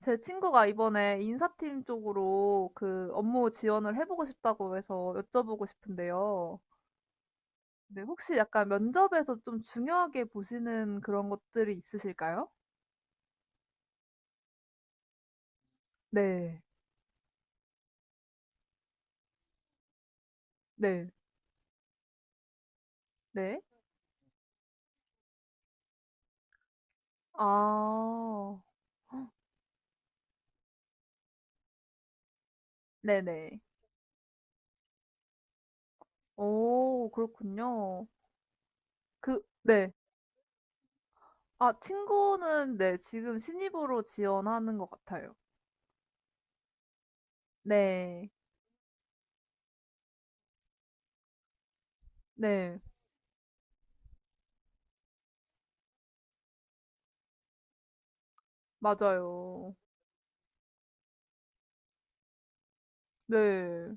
제 친구가 이번에 인사팀 쪽으로 그 업무 지원을 해보고 싶다고 해서 여쭤보고 싶은데요. 네, 혹시 약간 면접에서 좀 중요하게 보시는 그런 것들이 있으실까요? 네. 네. 네. 아. 네네. 오, 그렇군요. 그 네. 아, 친구는 네 지금 신입으로 지원하는 것 같아요. 네. 네. 맞아요. 네.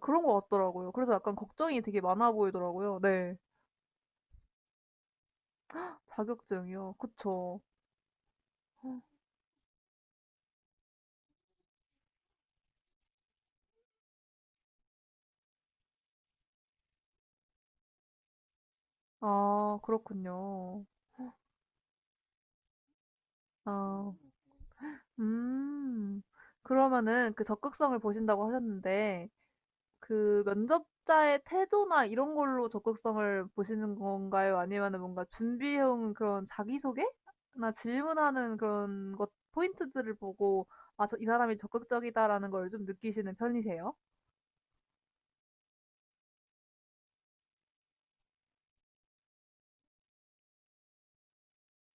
그런 것 같더라고요. 그래서 약간 걱정이 되게 많아 보이더라고요. 네. 자격증이요. 그쵸. 아, 그렇군요. 아. 음. 그러면은 그 적극성을 보신다고 하셨는데 그 면접자의 태도나 이런 걸로 적극성을 보시는 건가요? 아니면은 뭔가 준비해 온 그런 자기소개나 질문하는 그런 것 포인트들을 보고 '아, 저 이 사람이 적극적이다.'라는 걸 좀 느끼시는 편이세요?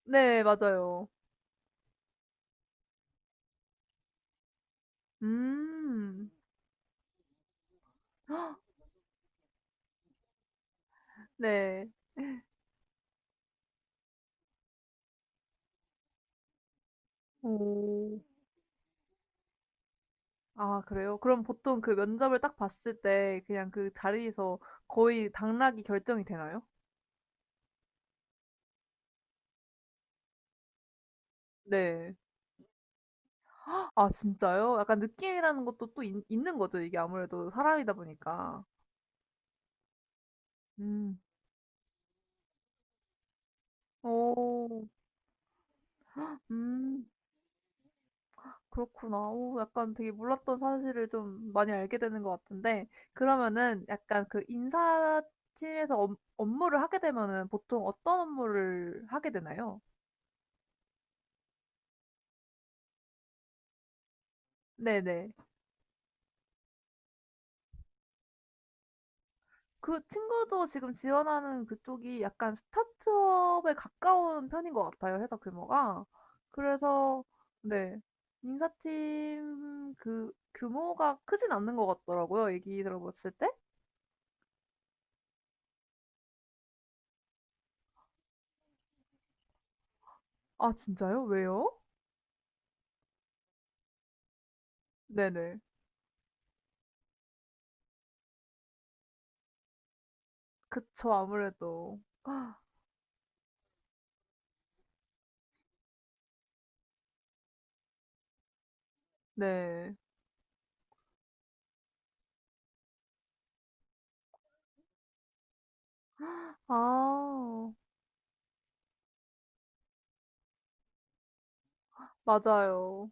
네, 맞아요. 음. 네. 오. 아, 그래요? 그럼 보통 그 면접을 딱 봤을 때 그냥 그 자리에서 거의 당락이 결정이 되나요? 네. 아, 진짜요? 약간 느낌이라는 것도 또 있 있는 거죠, 이게 아무래도 사람이다 보니까. 음. 오. 음. 그렇구나. 오, 약간 되게 몰랐던 사실을 좀 많이 알게 되는 것 같은데, 그러면은 약간 그 인사팀에서 업 업무를 하게 되면은 보통 어떤 업무를 하게 되나요? 네네. 그 친구도 지금 지원하는 그쪽이 약간 스타트업에 가까운 편인 것 같아요, 회사 규모가. 그래서 네. 인사팀 그 규모가 크진 않는 것 같더라고요, 얘기 들어봤을 때. 아, 진짜요? 왜요? 네네. 그쵸, 아무래도. 네. 아, 맞아요.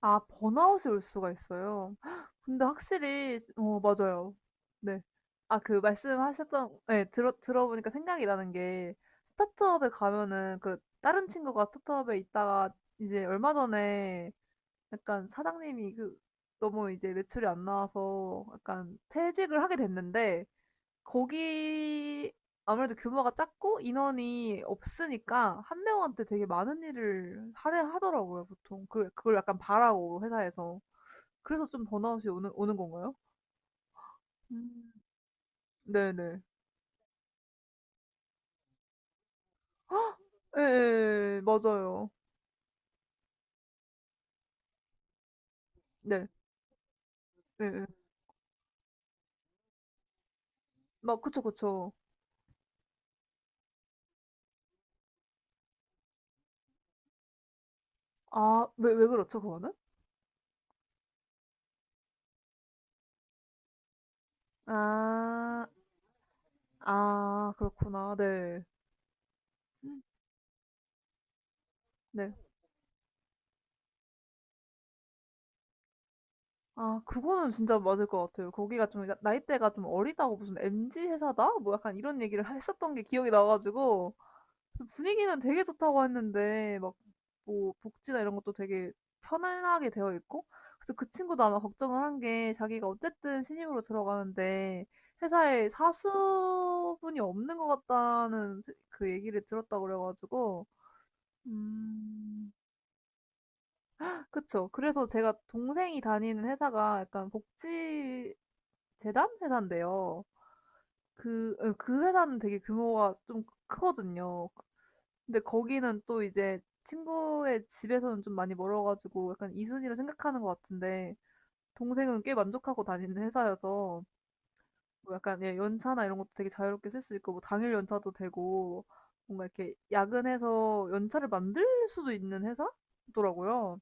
아, 번아웃이 올 수가 있어요. 헉, 근데 확실히 어 맞아요. 네. 아, 그 말씀하셨던 예 들어보니까 생각이 나는 게, 스타트업에 가면은, 그 다른 친구가 스타트업에 있다가 이제 얼마 전에 약간 사장님이 그 너무 이제 매출이 안 나와서 약간 퇴직을 하게 됐는데, 거기 아무래도 규모가 작고 인원이 없으니까 한 명한테 되게 많은 일을 하려 하더라고요 보통. 그 그걸 약간 바라고 회사에서. 그래서 좀 번아웃이 오는 건가요? 음. 네네. 예예예. 맞아요. 네. 예예. 막 그쵸, 그쵸. 아, 왜 그렇죠 그거는? 아. 아, 그렇구나. 네. 네. 아, 그거는 진짜 맞을 것 같아요. 거기가 좀 나 나이대가 좀 어리다고 무슨 "MZ 회사다?" 뭐 약간 이런 얘기를 했었던 게 기억이 나 가지고 그래서 분위기는 되게 좋다고 했는데, 막 뭐 복지나 이런 것도 되게 편안하게 되어 있고, 그래서 그 친구도 아마 걱정을 한 게 자기가 어쨌든 신입으로 들어가는데 회사에 사수분이 없는 것 같다는 그 얘기를 들었다고 그래 가지고 음. 그쵸. 그래서 제가, 동생이 다니는 회사가 약간 복지 재단 회사인데요. 그 예 그 회사는 되게 규모가 좀 크거든요. 근데 거기는 또 이제 친구의 집에서는 좀 많이 멀어 가지고 약간 이순이로 생각하는 것 같은데, 동생은 꽤 만족하고 다니는 회사여서 뭐 약간 예 연차나 이런 것도 되게 자유롭게 쓸 수 있고, 뭐 당일 연차도 되고 뭔가 이렇게 야근해서 연차를 만들 수도 있는 회사더라고요.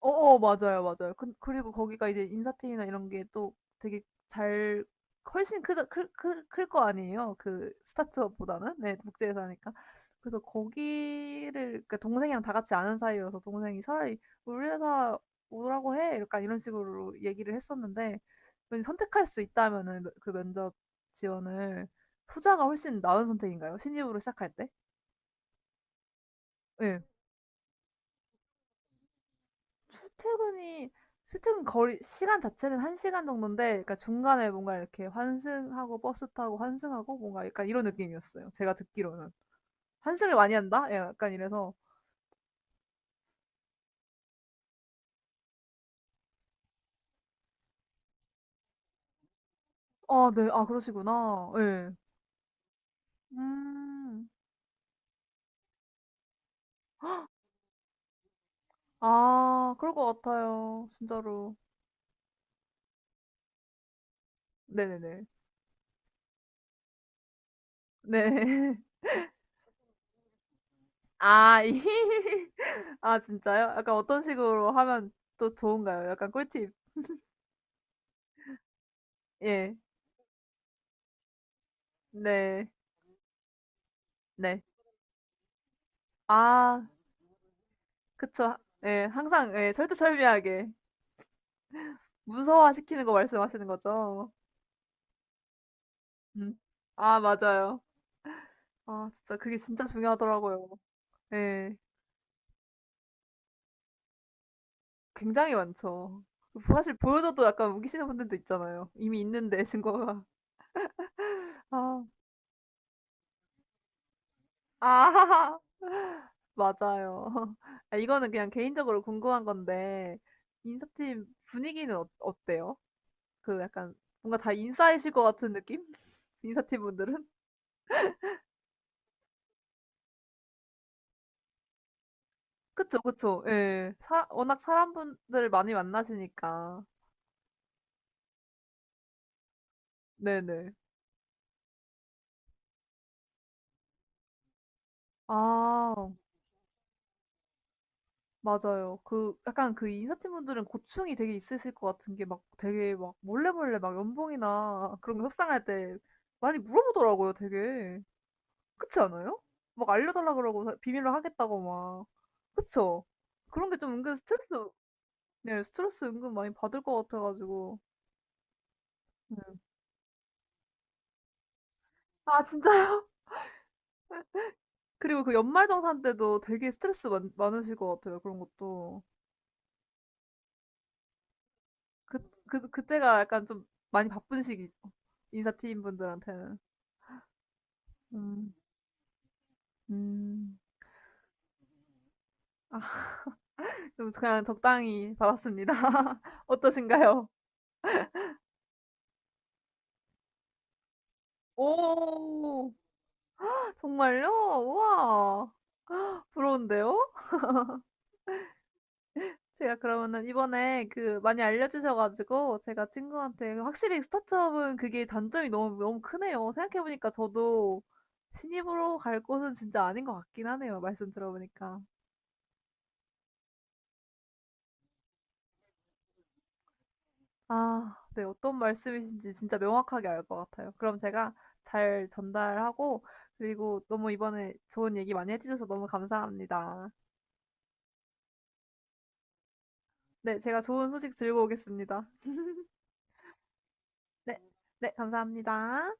어어 맞아요, 맞아요. 그, 그리고 거기가 이제 인사팀이나 이런 게 또 되게 잘 훨씬 크자 클클클거 아니에요. 그 스타트업보다는. 네, 국제회사니까. 그래서 거기를 그 동생이랑 다 같이 아는 사이여서 동생이 차라리 "우리 회사 오라고 해." 약간 이런 식으로 얘기를 했었는데, 왠지 선택할 수 있다면은 그 면접 지원을, 후자가 훨씬 나은 선택인가요? 신입으로 시작할 때? 예. 출퇴근이 출퇴근 거리 시간 자체는 1시간 시간 정도인데, 그러니까 중간에 뭔가 이렇게 환승하고 버스 타고 환승하고 뭔가 약간 이런 느낌이었어요, 제가 듣기로는. '환승을 많이 한다?' 예 약간 이래서. 아, 네. 아, 그러시구나. 예. 음. 아, 그럴 것 같아요, 진짜로. 네네네. 네. 아 이. 아, 진짜요? 약간 어떤 식으로 하면 또 좋은가요? 약간 꿀팁. 예. 네. 네. 아. 그쵸. 예. 항상 예 철두철미하게 문서화시키는 거 말씀하시는 거죠? 음. 아, 맞아요. 아, 진짜 그게 진짜 중요하더라고요. 예. 굉장히 많죠. 사실 보여줘도 약간 우기시는 분들도 있잖아요. 이미 있는데 증거가. 아. 아. 맞아요. 아, 이거는 그냥 개인적으로 궁금한 건데 인사팀 분위기는 어 어때요? 그 약간 뭔가 다 인싸이실 것 같은 느낌? 인사팀 분들은? 그쵸, 그쵸. 예. 사 워낙 사람분들을 많이 만나시니까. 네네. 아, 맞아요. 그 약간 그 인사팀분들은 고충이 되게 있으실 것 같은 게 막 되게 막 몰래몰래 막 연봉이나 그런 거 협상할 때 많이 물어보더라고요 되게. 그렇지 않아요? 막 알려달라 그러고 사 비밀로 하겠다고 막. 그쵸? 그런 게 좀 은근 스트레스. 네, 스트레스 은근 많이 받을 것 같아 가지고. 네. 아, 진짜요? 그리고 그 연말정산 때도 되게 스트레스 많 많으실 것 같아요 그런 것도. 그 그때가 약간 좀 많이 바쁜 시기죠 인사팀 분들한테는. 음. 음. 아, 좀 그냥 적당히 받았습니다. 어떠신가요? 오. 정말요? 우와, 부러운데요? 제가 그러면은 이번에 그 많이 알려주셔 가지고, 제가 친구한테 확실히 스타트업은 그게 단점이 너무 너무 크네요. 생각해 보니까 저도 신입으로 갈 곳은 진짜 아닌 것 같긴 하네요, 말씀 들어 보니까. 아, 네. 어떤 말씀이신지 진짜 명확하게 알 것 같아요. 그럼 제가 잘 전달하고, 그리고 너무 이번에 좋은 얘기 많이 해 주셔서 너무 감사합니다. 네. 제가 좋은 소식 들고 오겠습니다. 네. 네. 감사합니다.